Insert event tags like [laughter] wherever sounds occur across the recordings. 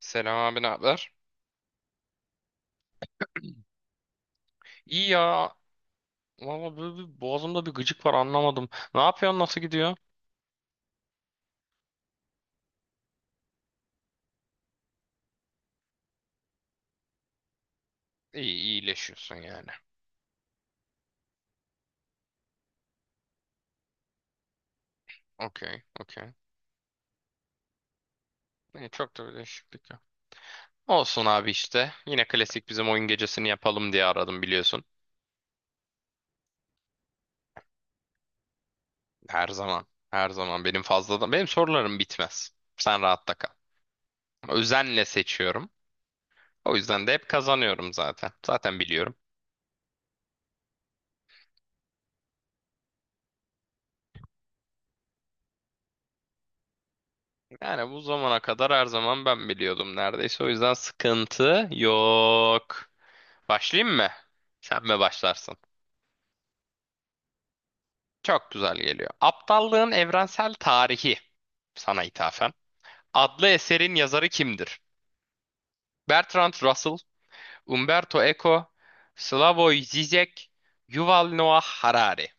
Selam abi, ne haber? İyi ya. Valla böyle bir boğazımda bir gıcık var, anlamadım. Ne yapıyorsun, nasıl gidiyor? İyi, iyileşiyorsun yani. Okey, okey. İyi, çok da bir değişiklik yok. Olsun abi işte. Yine klasik bizim oyun gecesini yapalım diye aradım, biliyorsun. Her zaman. Her zaman benim fazladan. Benim sorularım bitmez. Sen rahatta kal. Özenle seçiyorum. O yüzden de hep kazanıyorum zaten. Zaten biliyorum. Yani bu zamana kadar her zaman ben biliyordum neredeyse. O yüzden sıkıntı yok. Başlayayım mı? Sen mi başlarsın? Çok güzel geliyor. Aptallığın Evrensel Tarihi sana ithafen. Adlı eserin yazarı kimdir? Bertrand Russell, Umberto Eco, Slavoj Zizek, Yuval Noah Harari.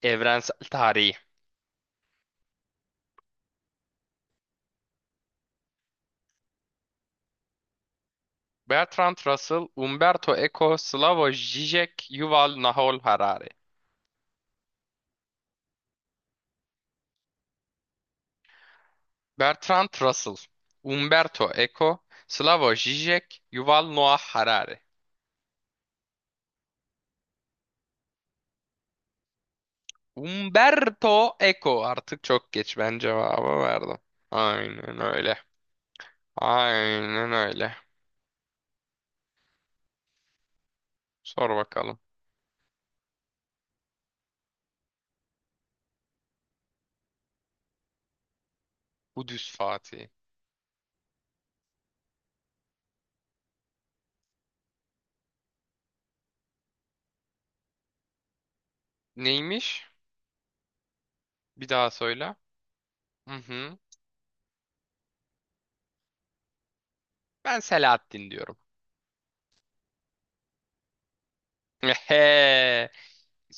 Evrensel Tarihi. Bertrand Russell, Umberto Eco, Slavoj Zizek, Yuval Noah Harari. Bertrand Russell, Umberto Eco, Slavoj Zizek, Yuval Noah Harari. Umberto Eco. Artık çok geç, ben cevabı verdim. Aynen öyle. Aynen öyle. Sor bakalım. Kudüs Fatih. Neymiş? Bir daha söyle. Hı hı. Ben Selahattin diyorum. [laughs] Ehe.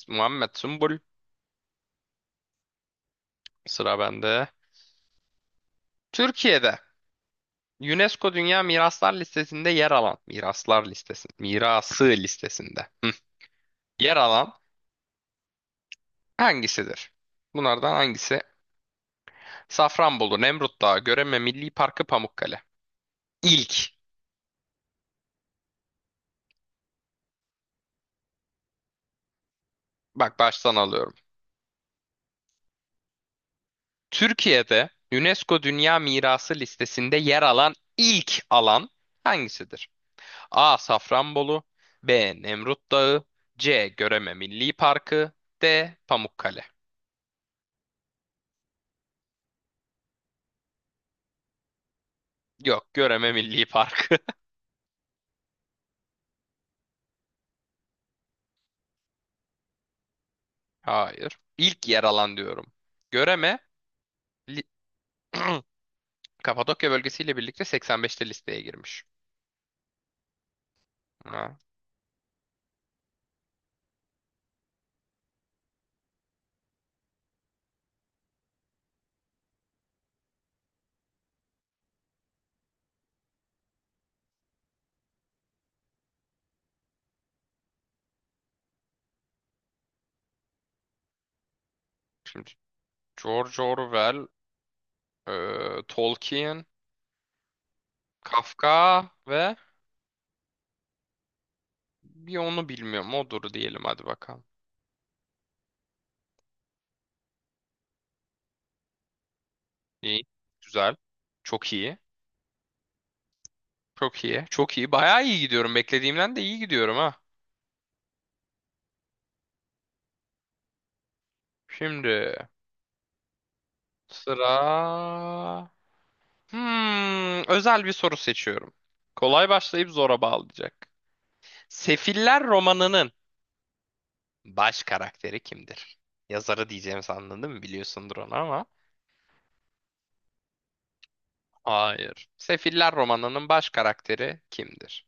Muhammed Sümbül. Sıra bende. Türkiye'de UNESCO Dünya Miraslar Listesi'nde yer alan miraslar listesi, mirası listesinde hı, yer alan hangisidir? Bunlardan hangisi Safranbolu, Nemrut Dağı, Göreme Milli Parkı, Pamukkale. İlk, bak, baştan alıyorum. Türkiye'de UNESCO Dünya Mirası listesinde yer alan ilk alan hangisidir? A. Safranbolu, B. Nemrut Dağı, C. Göreme Milli Parkı, D. Pamukkale. Yok, Göreme Milli Parkı. [laughs] Hayır. İlk yer alan diyorum. Göreme li- [clears throat] Kapadokya bölgesiyle birlikte 85'te listeye girmiş. Ha. Şimdi George Orwell, Tolkien, Kafka ve bir onu bilmiyorum. Odur diyelim, hadi bakalım. İyi. Güzel. Çok iyi. Çok iyi. Çok iyi. Bayağı iyi gidiyorum. Beklediğimden de iyi gidiyorum ha. Şimdi sıra... Hmm, özel bir soru seçiyorum. Kolay başlayıp zora bağlayacak. Sefiller romanının baş karakteri kimdir? Yazarı diyeceğim sandın değil mi? Biliyorsundur onu ama. Hayır. Sefiller romanının baş karakteri kimdir?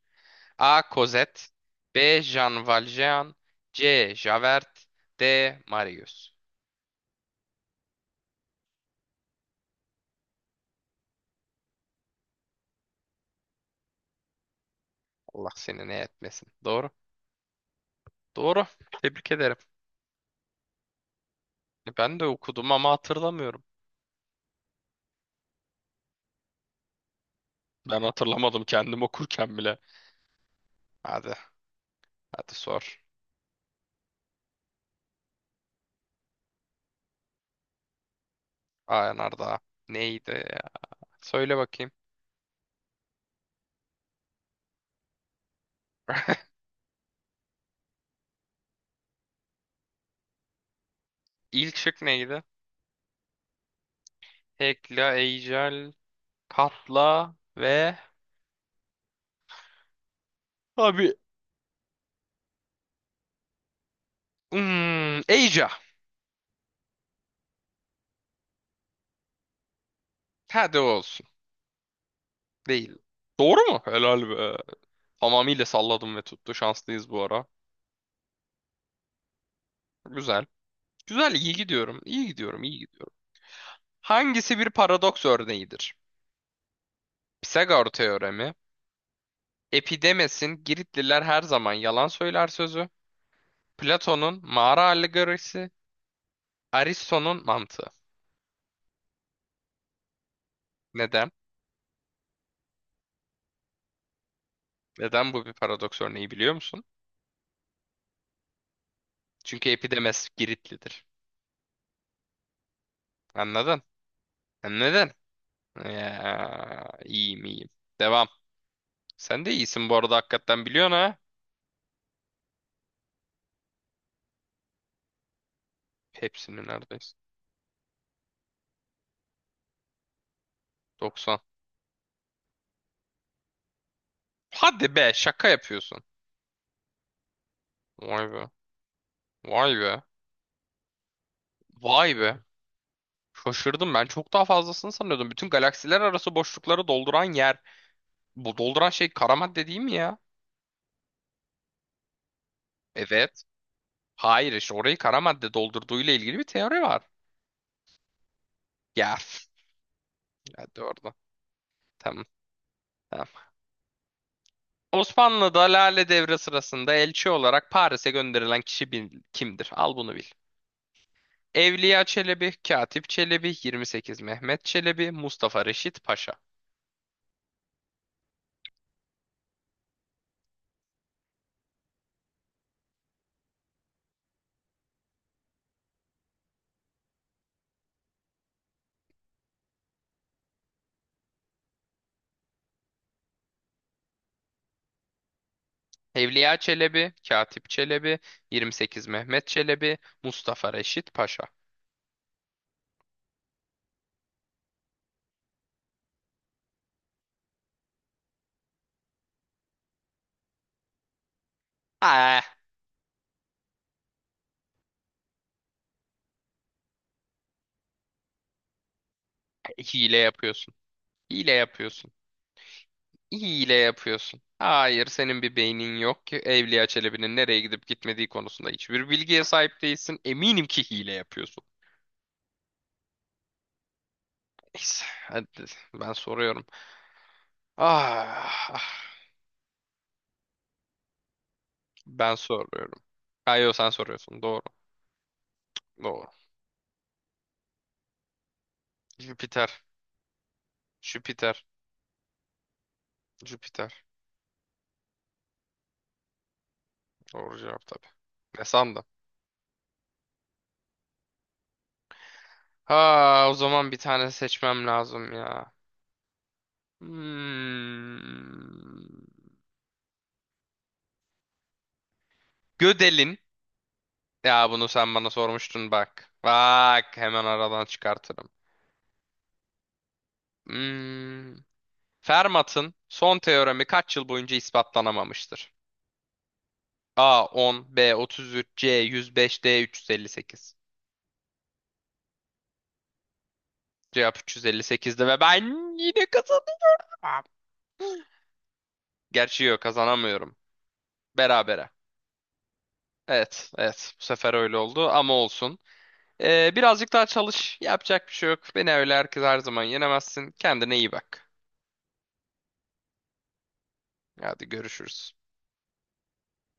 A. Cosette, B. Jean Valjean, C. Javert, D. Marius. Allah seni ne etmesin. Doğru. Doğru. Tebrik ederim. E, ben de okudum ama hatırlamıyorum. Ben hatırlamadım kendim okurken bile. Hadi. Hadi sor. Aa Narda. Neydi ya? Söyle bakayım. [laughs] İlk şık neydi? Hekla, Ejel, Katla ve... Abi. Hmm, Eyca. Hadi olsun. Değil. Doğru mu? Helal be. Tamamıyla salladım ve tuttu. Şanslıyız bu ara. Güzel. Güzel, iyi gidiyorum. İyi gidiyorum, iyi gidiyorum. Hangisi bir paradoks örneğidir? Pisagor teoremi, Epidemes'in Giritliler her zaman yalan söyler sözü, Platon'un mağara alegorisi, Aristo'nun mantığı. Neden? Neden bu bir paradoks örneği, biliyor musun? Çünkü Epidemes Giritlidir. Anladın? Neden? Ya, iyiyim iyiyim. Devam. Sen de iyisin bu arada, hakikaten biliyorsun ha. Hepsini neredeyse. 90. Hadi be, şaka yapıyorsun. Vay be. Vay be. Vay be. Şaşırdım ben. Çok daha fazlasını sanıyordum. Bütün galaksiler arası boşlukları dolduran yer. Bu dolduran şey kara madde değil mi ya? Evet. Hayır, işte orayı kara madde doldurduğuyla ilgili bir teori var. Ya. Üf. Hadi orada. Tamam. Tamam. Osmanlı'da Lale Devri sırasında elçi olarak Paris'e gönderilen kişi kimdir? Al bunu bil. Evliya Çelebi, Katip Çelebi, 28 Mehmet Çelebi, Mustafa Reşit Paşa. Evliya Çelebi, Katip Çelebi, 28 Mehmet Çelebi, Mustafa Reşit Paşa. Ah, hile yapıyorsun. Hile yapıyorsun. Hile yapıyorsun. Hayır, senin bir beynin yok ki. Evliya Çelebi'nin nereye gidip gitmediği konusunda hiçbir bilgiye sahip değilsin. Eminim ki hile yapıyorsun. Neyse, hadi ben soruyorum. Ah, ah, ben soruyorum. Hayır, sen soruyorsun. Doğru. Doğru. Jüpiter. Jüpiter. Jüpiter. Doğru cevap tabii. Ne sandın? Ha, o zaman bir tane seçmem lazım ya. Hmm. Gödel'in. Ya bunu sen bana sormuştun bak. Bak hemen aradan çıkartırım. Hmm. Fermat'ın son teoremi kaç yıl boyunca ispatlanamamıştır? A 10, B 33, C 105, D 358. Cevap 358'di ve ben yine kazanıyorum. Gerçi yok, kazanamıyorum. Berabere. Evet, evet. Bu sefer öyle oldu ama olsun. Birazcık daha çalış. Yapacak bir şey yok. Beni öyle herkes her zaman yenemezsin. Kendine iyi bak. Hadi görüşürüz.